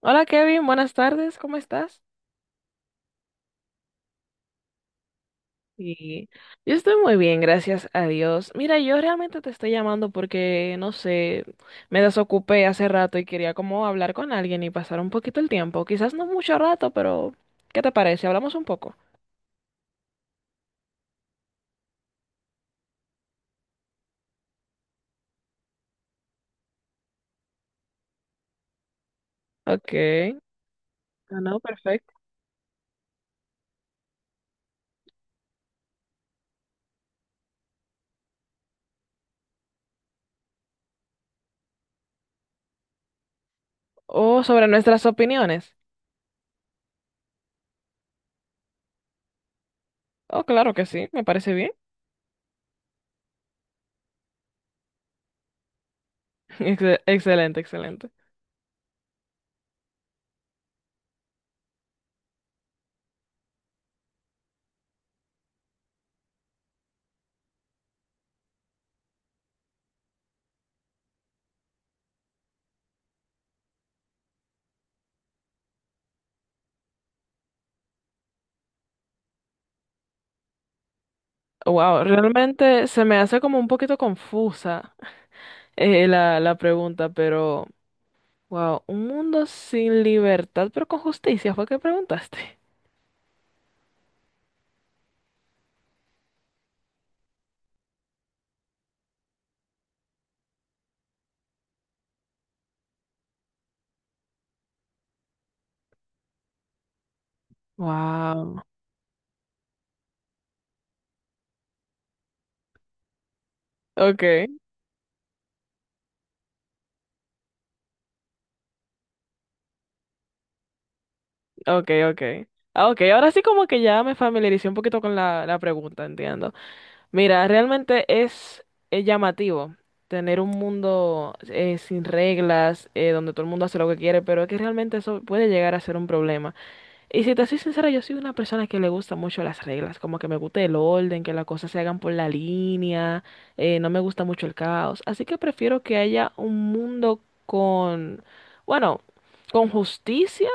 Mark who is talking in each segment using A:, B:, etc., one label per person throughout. A: Hola Kevin, buenas tardes, ¿cómo estás? Y yo estoy muy bien, gracias a Dios. Mira, yo realmente te estoy llamando porque, no sé, me desocupé hace rato y quería como hablar con alguien y pasar un poquito el tiempo. Quizás no mucho rato, pero ¿qué te parece? Hablamos un poco. Ok, ah, no, perfecto. O sobre nuestras opiniones. Oh, claro que sí, me parece bien. Excelente, excelente. Wow, realmente se me hace como un poquito confusa, la pregunta, pero Wow, un mundo sin libertad, pero con justicia, fue que preguntaste. Wow. Okay, okay, okay. Ah, okay, ahora sí como que ya me familiaricé un poquito con la pregunta, entiendo. Mira, realmente es llamativo tener un mundo sin reglas, donde todo el mundo hace lo que quiere, pero es que realmente eso puede llegar a ser un problema. Y si te soy sincera, yo soy una persona que le gusta mucho las reglas, como que me gusta el orden, que las cosas se hagan por la línea, no me gusta mucho el caos, así que prefiero que haya un mundo con, bueno, con justicia,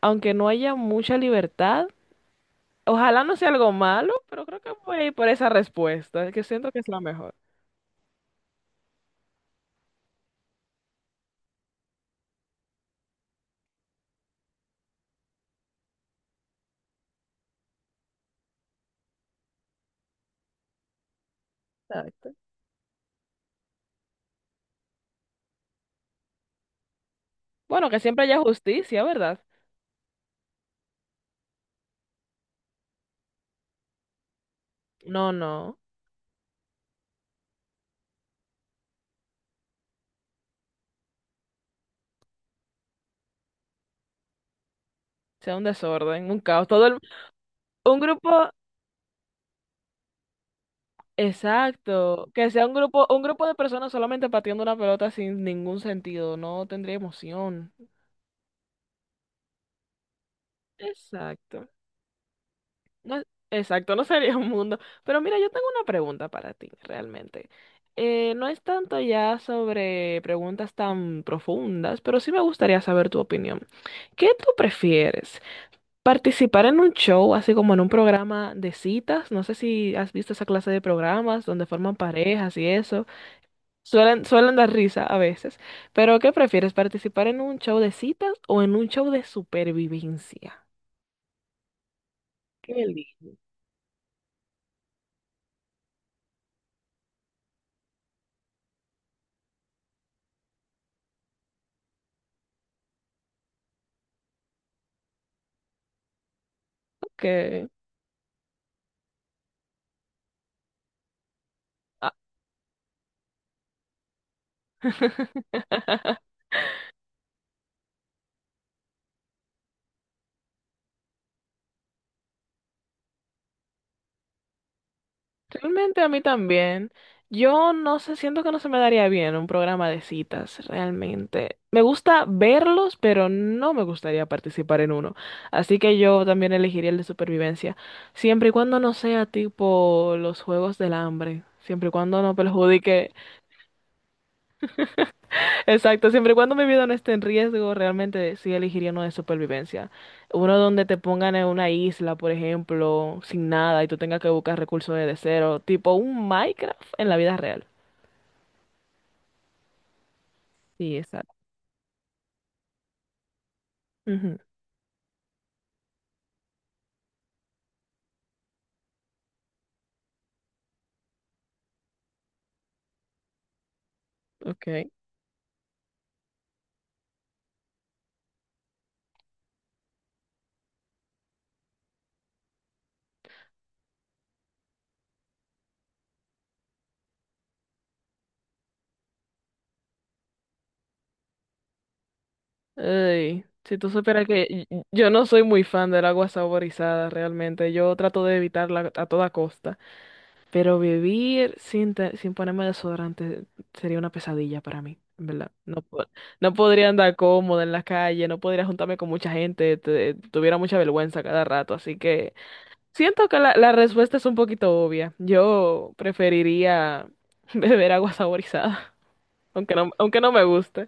A: aunque no haya mucha libertad. Ojalá no sea algo malo, pero creo que voy a ir por esa respuesta, que siento que es la mejor. Exacto. Bueno, que siempre haya justicia, ¿verdad? No, no, sea un desorden, un caos. Un grupo, Exacto, que sea un grupo de personas solamente pateando una pelota sin ningún sentido, no tendría emoción. Exacto. No, exacto, no sería un mundo. Pero mira, yo tengo una pregunta para ti, realmente. No es tanto ya sobre preguntas tan profundas, pero sí me gustaría saber tu opinión. ¿Qué tú prefieres? ¿Participar en un show, así como en un programa de citas? No sé si has visto esa clase de programas donde forman parejas y eso. Suelen dar risa a veces. Pero ¿qué prefieres? ¿Participar en un show de citas o en un show de supervivencia? Qué lindo. Que ah. Realmente a mí también. Yo no sé, siento que no se me daría bien un programa de citas, realmente. Me gusta verlos, pero no me gustaría participar en uno. Así que yo también elegiría el de supervivencia, siempre y cuando no sea tipo los Juegos del Hambre, siempre y cuando no perjudique. Exacto, siempre y cuando mi vida no esté en riesgo, realmente sí elegiría uno de supervivencia. Uno donde te pongan en una isla, por ejemplo, sin nada y tú tengas que buscar recursos desde cero, tipo un Minecraft en la vida real. Sí, exacto. Ujú, okay. Ey, si tú supieras que yo no soy muy fan del agua saborizada, realmente. Yo trato de evitarla a toda costa. Pero vivir sin ponerme desodorante sería una pesadilla para mí, en verdad. No podría andar cómoda en la calle, no podría juntarme con mucha gente, tuviera mucha vergüenza cada rato. Así que siento que la respuesta es un poquito obvia. Yo preferiría beber agua saborizada, aunque no me guste.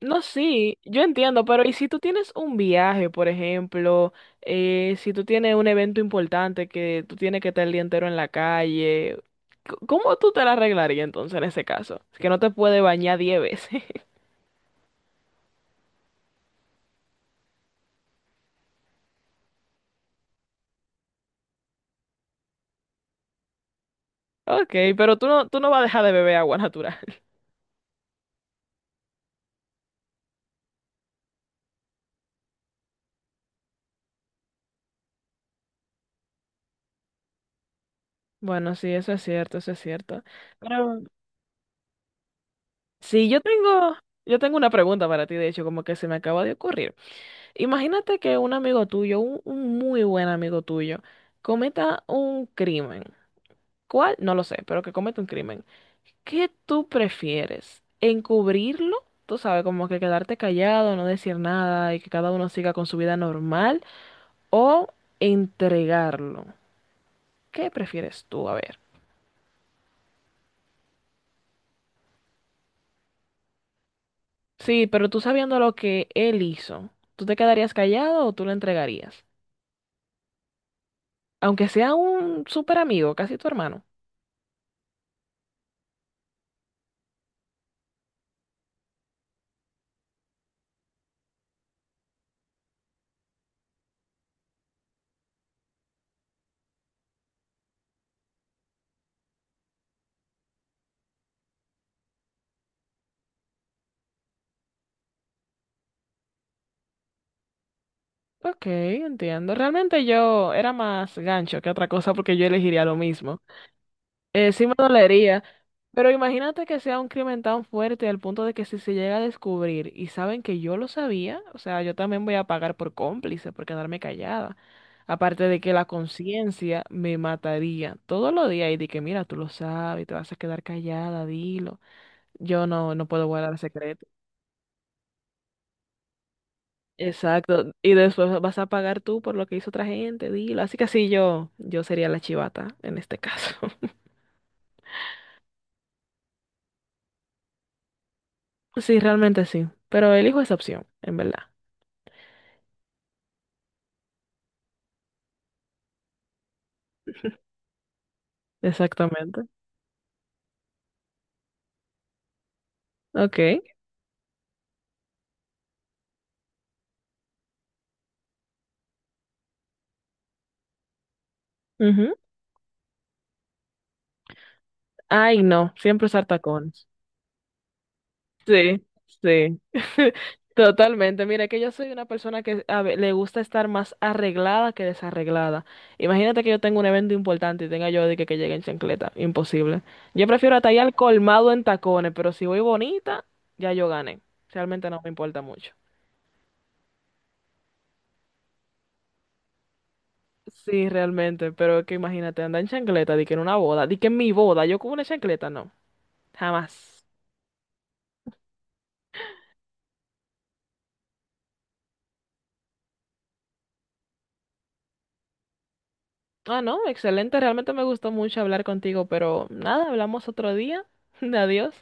A: No, sí, yo entiendo, pero ¿y si tú tienes un viaje, por ejemplo, si tú tienes un evento importante que tú tienes que estar el día entero en la calle, ¿cómo tú te la arreglarías entonces en ese caso? Es que no te puede bañar 10 veces. Ok, pero tú no vas a dejar de beber agua natural. Bueno, sí, eso es cierto, eso es cierto. Pero sí, yo tengo una pregunta para ti, de hecho, como que se me acaba de ocurrir. Imagínate que un amigo tuyo, un muy buen amigo tuyo, cometa un crimen. ¿Cuál? No lo sé, pero que comete un crimen. ¿Qué tú prefieres? ¿Encubrirlo? Tú sabes, como que quedarte callado, no decir nada y que cada uno siga con su vida normal. ¿O entregarlo? ¿Qué prefieres tú? A ver. Sí, pero tú sabiendo lo que él hizo, ¿tú te quedarías callado o tú lo entregarías? Aunque sea un súper amigo, casi tu hermano. Ok, entiendo. Realmente yo era más gancho que otra cosa porque yo elegiría lo mismo. Sí me dolería, pero imagínate que sea un crimen tan fuerte al punto de que si se llega a descubrir y saben que yo lo sabía, o sea, yo también voy a pagar por cómplice, por quedarme callada. Aparte de que la conciencia me mataría todos los días y de que, mira, tú lo sabes, te vas a quedar callada, dilo. Yo no, no puedo guardar secreto. Exacto. Y después vas a pagar tú por lo que hizo otra gente, dilo. Así que sí, yo sería la chivata en este caso. Sí, realmente sí. Pero elijo esa opción, en verdad. Exactamente. Ok. Ujú. Ay, no, siempre usar tacones. Sí, sí. Totalmente. Mira, que yo soy una persona que le gusta estar más arreglada que desarreglada. Imagínate que yo tengo un evento importante y tenga yo que llegue en chancleta. Imposible. Yo prefiero atallar al colmado en tacones, pero si voy bonita, ya yo gané. Realmente no me importa mucho. Sí, realmente, pero es que imagínate, andar en chancleta, di que en una boda, di que en mi boda, yo con una chancleta, no, jamás. Ah, no, excelente. Realmente me gustó mucho hablar contigo, pero nada, hablamos otro día. Adiós.